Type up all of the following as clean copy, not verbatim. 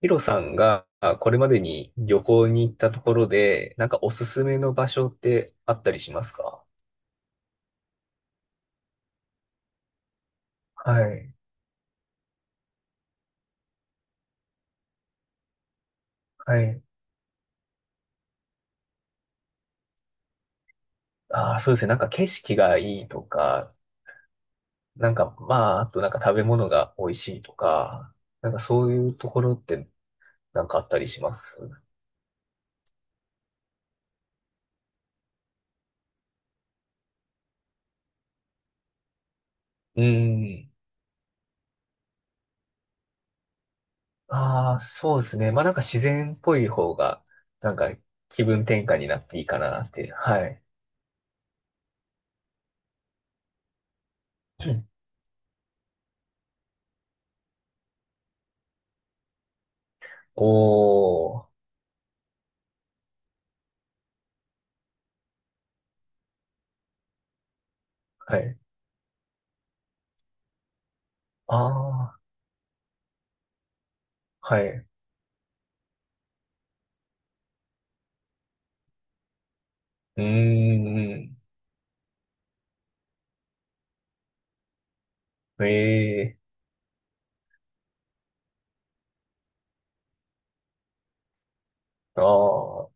ヒロさんがあこれまでに旅行に行ったところで、なんかおすすめの場所ってあったりしますか？はい。はい。ああ、そうですね。なんか景色がいいとか、なんかまあ、あとなんか食べ物が美味しいとか、なんかそういうところってなんかあったりします？うん。ああ、そうですね。まあなんか自然っぽい方が、なんか気分転換になっていいかなって。はい。うん。おー。はい。ああ、はい。うーん。ええ。ああー、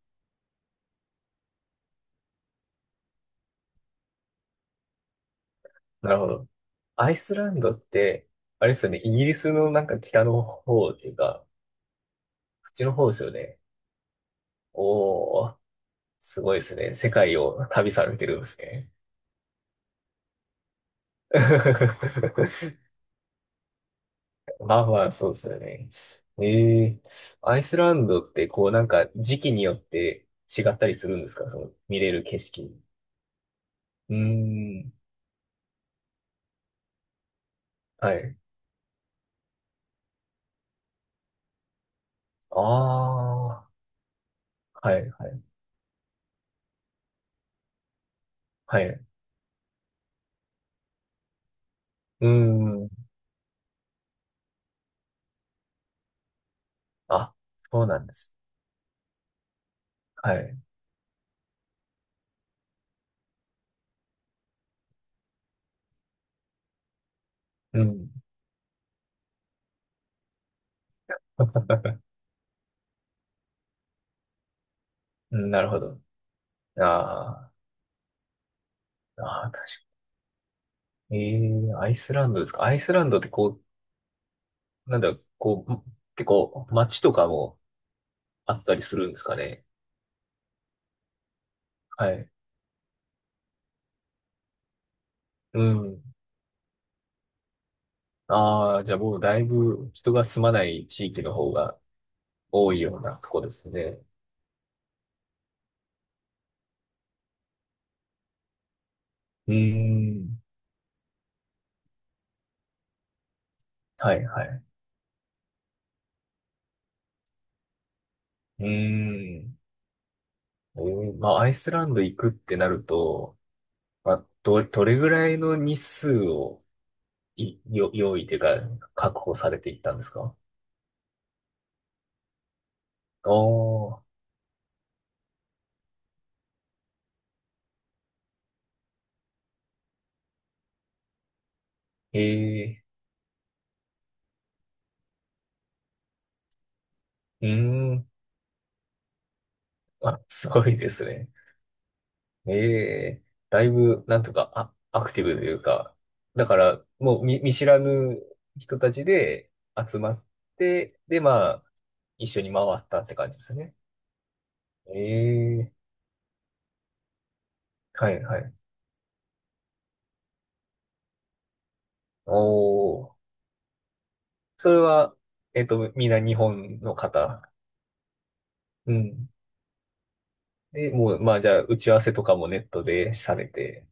なるほど。アイスランドって、あれですよね、イギリスのなんか北の方っていうか、そっちの方ですよね。おー、すごいですね。世界を旅されてるんですね。まあまあ、そうですよね。ええ。アイスランドってこうなんか時期によって違ったりするんですか、その見れる景色？うーん。はい。ああ、はい、はい、はい。うーん。あ、そうなんです。はい。うん。うん、なるほど。あーあー、アイスランドですか。アイスランドってこう、なんだろう、こう、結構街とかもあったりするんですかね。はい。うん。ああ、じゃあもうだいぶ人が住まない地域の方が多いようなとこですよね。うーん。はい、はい。うーん。まあ、アイスランド行くってなると、まあ、どれぐらいの日数を用意というか、確保されていったんですか？おー、ええ。うーん、あ、すごいですね。ええ。だいぶ、なんとか、あ、アクティブというか、だから、もう見知らぬ人たちで集まって、で、まあ、一緒に回ったって感じですね。ええ。はいはい。おー、それは、みんな日本の方？うん。で、もう、まあ、じゃあ、打ち合わせとかもネットでされて。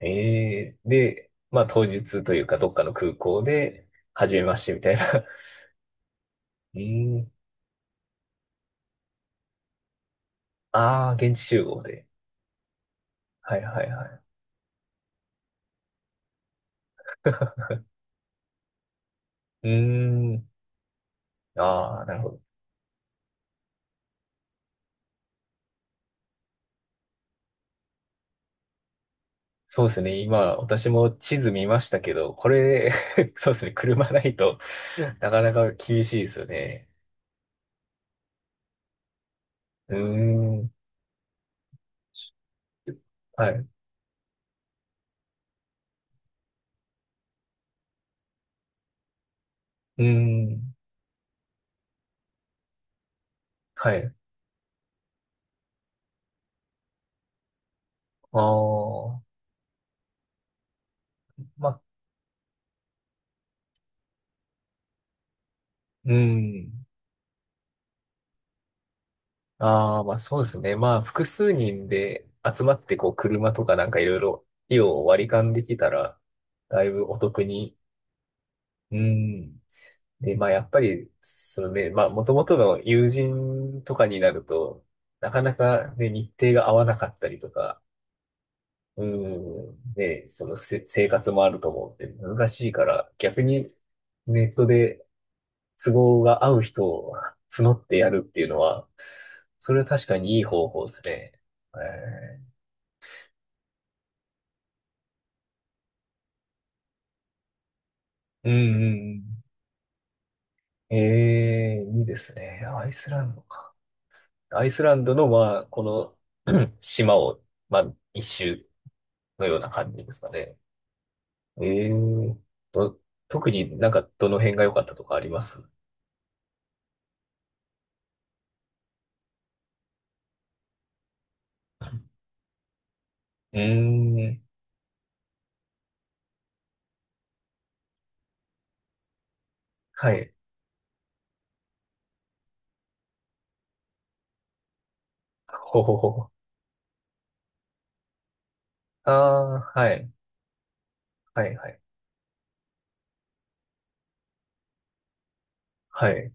ええ。で、まあ当日というかどっかの空港で、初めましてみたいな。うーん。ああ、現地集合で。はいはいはい。うーん。ああ、なるほど。そうですね。今、私も地図見ましたけど、これ、そうですね。車ないと、なかなか厳しいですよね。うーん。はい。うーん。はい。ああ。まあ、うーん。ああ、まあそうですね。まあ複数人で集まってこう車とかなんかいろいろ費用を割り勘できたらだいぶお得に。うん。で、まあやっぱり、そのね、まあもともとの友人とかになると、なかなかね、日程が合わなかったりとか、うん。ね、その生活もあると思うんで難しいから、逆にネットで都合が合う人を 募ってやるっていうのは、それは確かにいい方法ですね。えうんうんうん。ええ。いいですね。アイスランドか。アイスランドの、まあ、この、うん、 島を、まあ、一周のような感じですかね。ええと、特になんかどの辺が良かったとかあります？うーん。はい。ほほほ。ああ、はい。はい、はい。はい。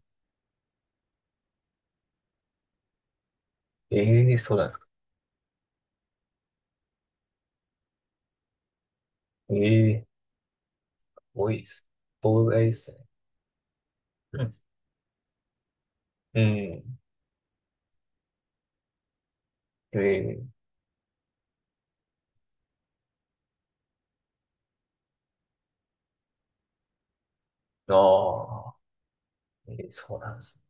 ええ、そうなんですか。ええ。多いです。東大ですね。うん。うん。ああ、そうなんですね。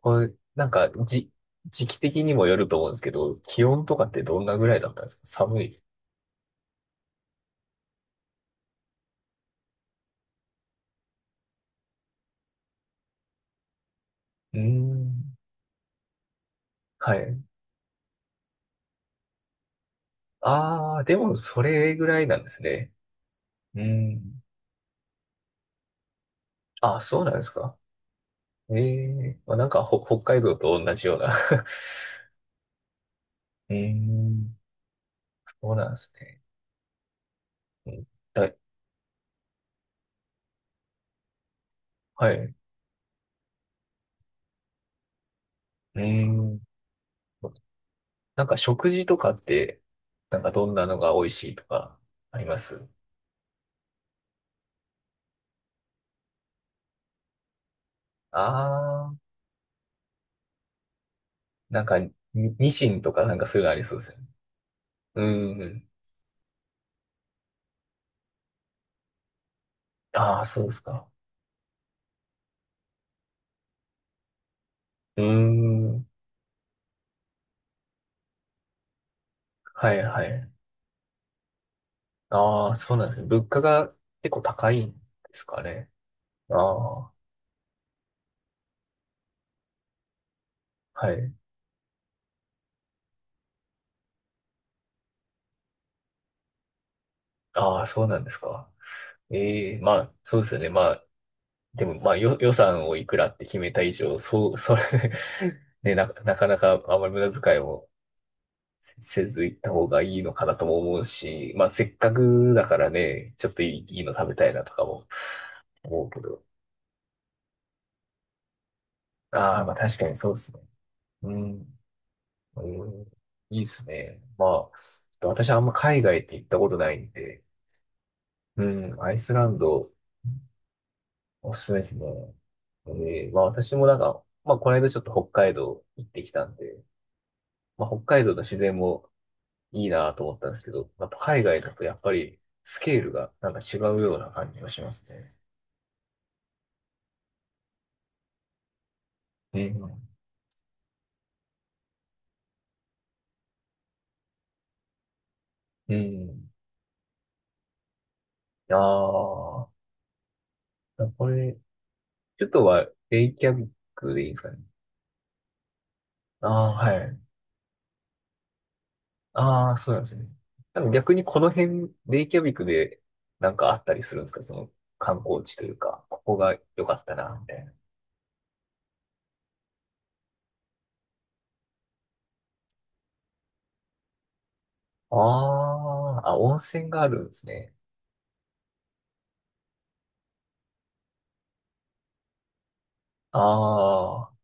これ、なんか、時期的にもよると思うんですけど、気温とかってどんなぐらいだったんですか、寒い？うーん。はい。ああ、でも、それぐらいなんですね。うーん。あ、そうなんですか。ええ、まあ、なんか、北海道と同じような うーん。そうなんですね。うん。だ、はい。うーん。なんか食事とかって、なんかどんなのが美味しいとかあります？ああー、なんかニシンとかなんかそういうのありそうですよね。うんうん。ああ、そうですか。うーん。はいはい。ああ、そうなんですね。物価が結構高いんですかね。ああ、はい。ああ、そうなんですか。ええ、まあ、そうですよね。まあ、でも、まあ、予算をいくらって決めた以上、そう、それ ね、なかなかあんまり無駄遣いもせず行った方がいいのかなとも思うし、まあせっかくだからね、ちょっといい、いいの食べたいなとかも思うけど。ああ、まあ確かにそうですね。うん。うん。いいですね。まあ、私あんま海外って行ったことないんで、うん、アイスランドおすすめですね。えまあ私もなんか、まあこの間ちょっと北海道行ってきたんで、まあ北海道の自然もいいなと思ったんですけど、やっぱ海外だとやっぱりスケールがなんか違うような感じがしますね。ええ、うん。ああ、これ、ちょっとは、レイキャビックでいいんですかね。ああ、はい。ああ、そうなんですね。なんか逆にこの辺、レイキャビックで、なんかあったりするんですかその、観光地というか、ここが良かったな、みたいな。ああ、あ、温泉があるんですね。あ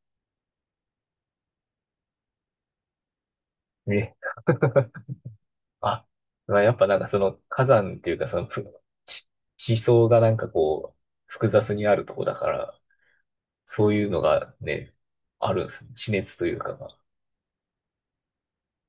あ、え、あ、まあ、やっぱなんかその、火山っていうか、その、地、地層がなんかこう、複雑にあるとこだから、そういうのがね、あるんですね。地熱というかが。